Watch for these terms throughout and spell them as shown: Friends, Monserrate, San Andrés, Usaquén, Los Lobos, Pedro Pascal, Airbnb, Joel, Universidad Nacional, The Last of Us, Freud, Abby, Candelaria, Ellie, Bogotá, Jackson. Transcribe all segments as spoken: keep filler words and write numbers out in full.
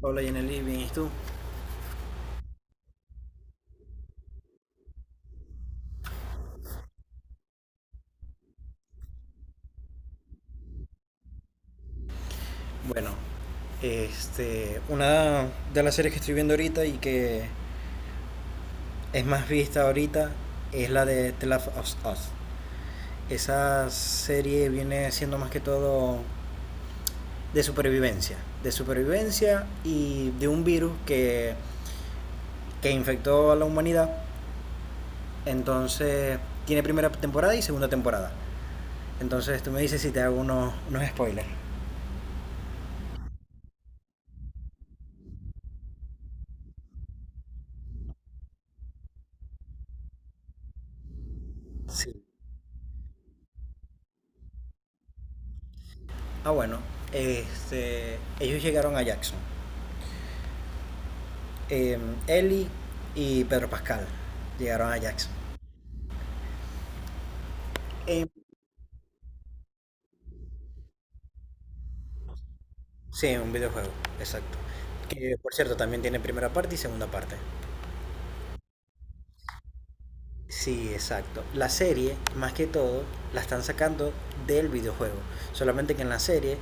Hola Yaneli, bien, ¿y tú? Bueno, este, una de las series que estoy viendo ahorita y que es más vista ahorita es la de The Last of Us. Esa serie viene siendo más que todo de supervivencia, de supervivencia y de un virus que, que infectó a la humanidad. Entonces, tiene primera temporada y segunda temporada. Entonces, tú me dices si te hago unos, unos spoilers. Sí. Ah, bueno, este, ellos llegaron a Jackson, eh, Ellie y Pedro Pascal llegaron a Jax. Eh, Sí, un videojuego, exacto. Que por cierto también tiene primera parte y segunda parte. Sí, exacto. La serie, más que todo, la están sacando del videojuego. Solamente que en la serie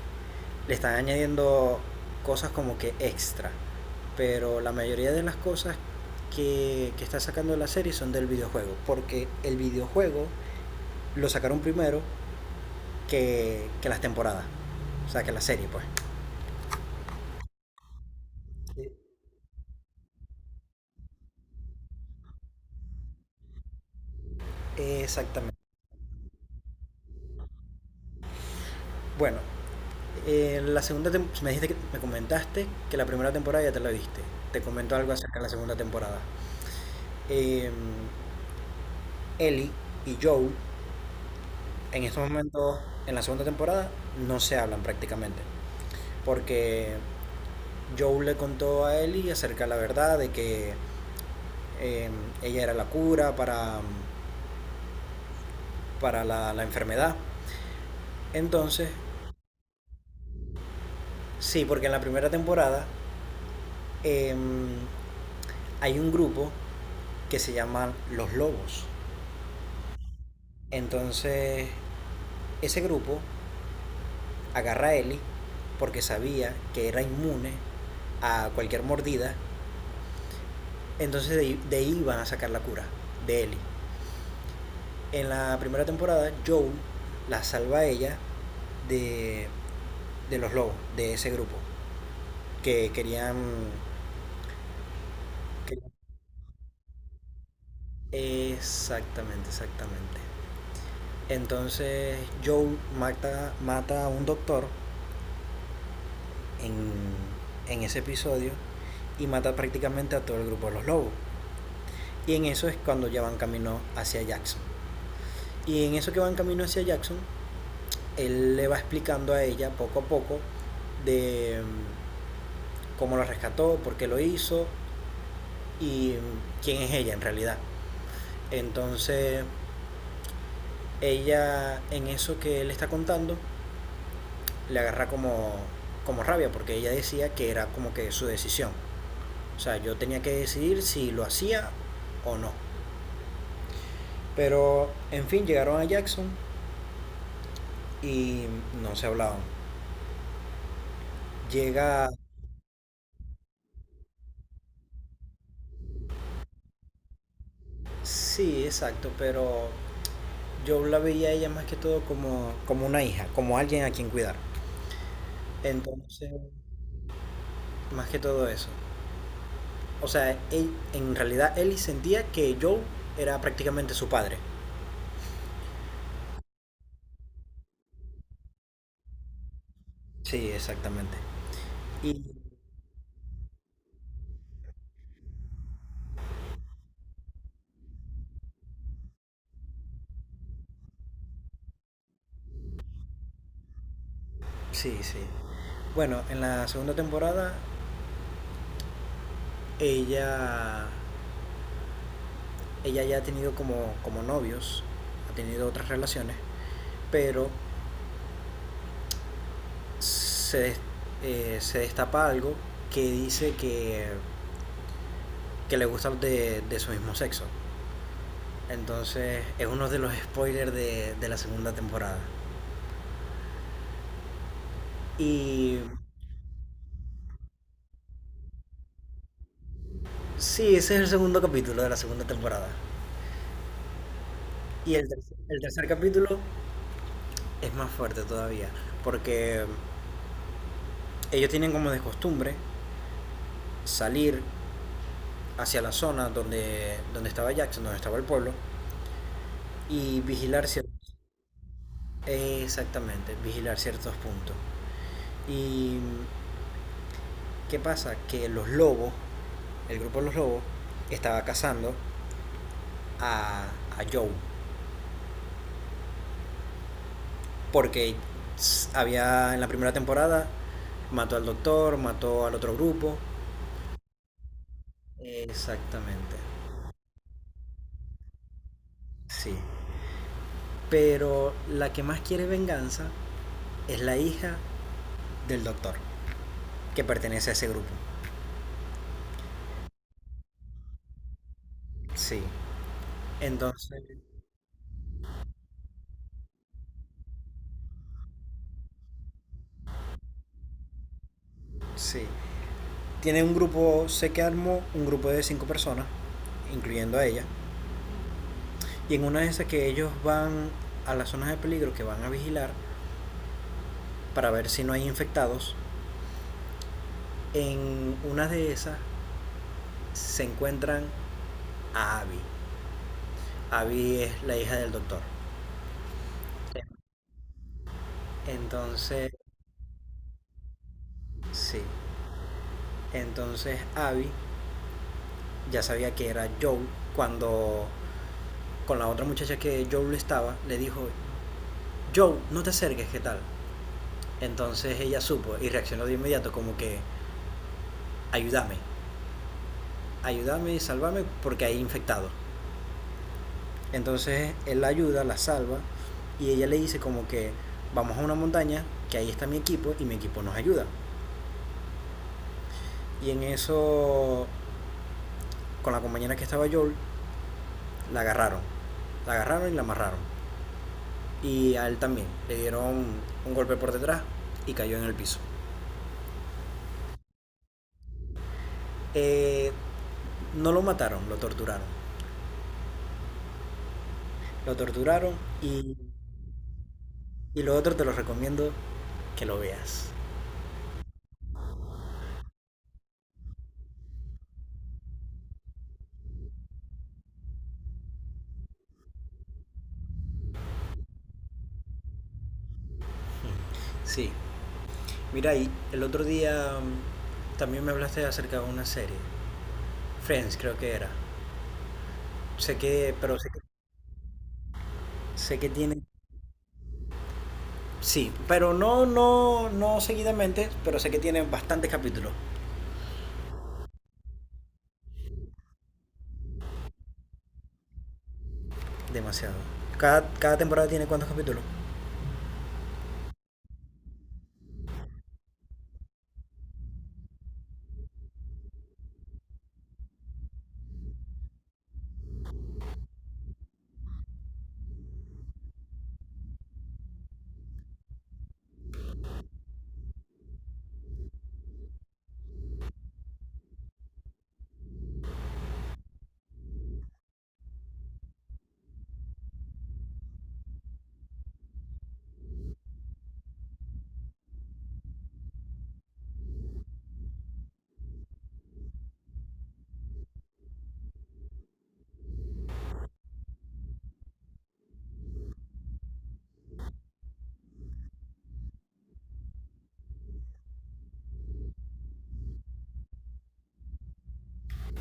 le están añadiendo cosas como que extra. Pero la mayoría de las cosas que, que está sacando la serie son del videojuego. Porque el videojuego lo sacaron primero que, que las temporadas. O sea, que la serie, pues. Eh, Exactamente. Bueno, eh, la segunda tem- pues me dijiste que- me comentaste que la primera temporada ya te la viste. Te comento algo acerca de la segunda temporada. Eh, Ellie y Joel en estos momentos, en la segunda temporada, no se hablan prácticamente. Porque Joel le contó a Ellie acerca de la verdad de que eh, ella era la cura para, para la, la enfermedad. Entonces, sí, porque en la primera temporada em, hay un grupo que se llaman Los Lobos. Entonces, ese grupo agarra a Ellie porque sabía que era inmune a cualquier mordida. Entonces, de, de ahí van a sacar la cura de Ellie. En la primera temporada, Joel la salva a ella de, de los lobos, de ese grupo, que querían... que- Exactamente, exactamente. Entonces Joel mata, mata a un doctor en, en ese episodio y mata prácticamente a todo el grupo de los lobos. Y en eso es cuando ya van camino hacia Jackson. Y en eso que van camino hacia Jackson, él le va explicando a ella poco a poco de mm, cómo lo rescató, por qué lo hizo y mm, quién es ella en realidad. Entonces ella en eso que él está contando le agarra como, como rabia porque ella decía que era como que su decisión. O sea, yo tenía que decidir si lo hacía o no. Pero en fin, llegaron a Jackson y no se hablaban. Llega, sí, exacto, pero yo la veía a ella más que todo como, como una hija, como alguien a quien cuidar. Entonces, más que todo eso. O sea, él- en realidad Ellie sentía que Joe era prácticamente su padre. Sí, exactamente. Y sí, sí. Bueno, en la segunda temporada ella ella ya ha tenido como, como novios, ha tenido otras relaciones, pero se, eh, se destapa algo que dice que, que le gusta de, de su mismo sexo. Entonces es uno de los spoilers de, de la segunda temporada. Y sí, ese es el segundo capítulo de la segunda temporada. Y el, ter- el tercer capítulo es más fuerte todavía, porque ellos tienen como de costumbre salir hacia la zona donde, donde estaba Jackson, donde estaba el pueblo, y vigilar ciertos... Exactamente, vigilar ciertos puntos. Y ¿qué pasa? Que los lobos, el grupo de Los Lobos, estaba cazando a, a Joe. Porque había en la primera temporada, mató al doctor, mató al otro grupo. Exactamente, sí. Pero la que más quiere venganza es la hija del doctor, que pertenece a ese grupo. Sí. Entonces, sí. Tiene un grupo, sé que armó un grupo de cinco personas, incluyendo a ella. Y en una de esas que ellos van a las zonas de peligro que van a vigilar para ver si no hay infectados, en una de esas se encuentran a Abby. Abby es la hija del doctor. Entonces, sí. Entonces Abby ya sabía que era Joel cuando con la otra muchacha que Joel estaba le dijo, Joel, no te acerques, ¿qué tal? Entonces ella supo y reaccionó de inmediato como que, ayúdame, ayúdame y sálvame porque hay infectados. Entonces él la ayuda, la salva y ella le dice como que vamos a una montaña, que ahí está mi equipo y mi equipo nos ayuda. Y en eso, con la compañera que estaba Joel, la agarraron. La agarraron y la amarraron. Y a él también. Le dieron un golpe por detrás y cayó en el piso. Eh, no lo mataron, lo torturaron. Lo torturaron y, y lo otro te lo recomiendo que lo veas. Sí. Mira, y el otro día mm, también me hablaste acerca de una serie. Friends creo que era. Sé que, pero sé que, sé que tiene, sí, pero no, no, no seguidamente, pero sé que tiene bastantes capítulos, demasiado. Cada, cada temporada tiene cuántos capítulos.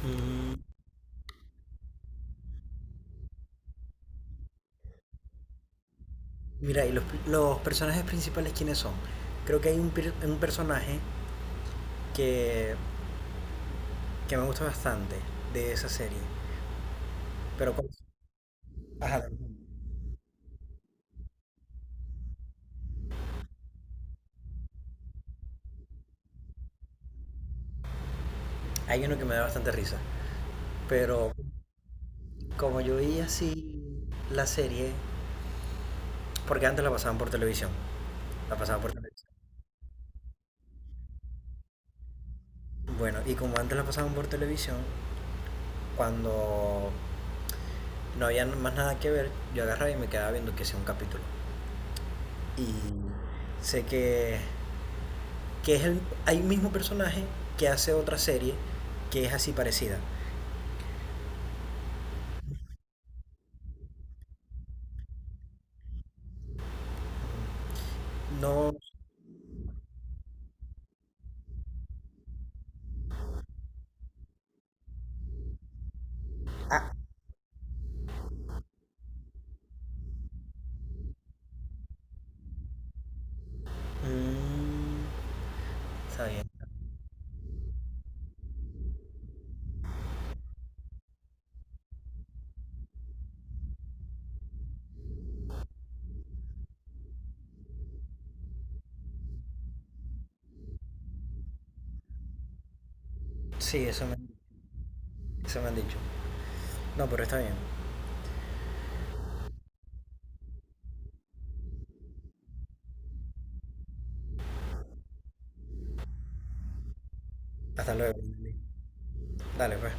Mm, mira, y los, los personajes principales, ¿quiénes son? Creo que hay un, per- un personaje que, que me gusta bastante de esa serie, pero con- ajá, hay uno que me da bastante risa, pero como yo vi así la serie, porque antes la pasaban por televisión, la pasaban por televisión. Bueno, y como antes la pasaban por televisión, cuando no había más nada que ver, yo agarraba y me quedaba viendo que sea un capítulo. Y sé que, que es el hay mismo personaje que hace otra serie que es así parecida. No. Ah, mm, está bien. Sí, eso me, eso me han dicho. No, pero está bien. Hasta luego. Dale, pues.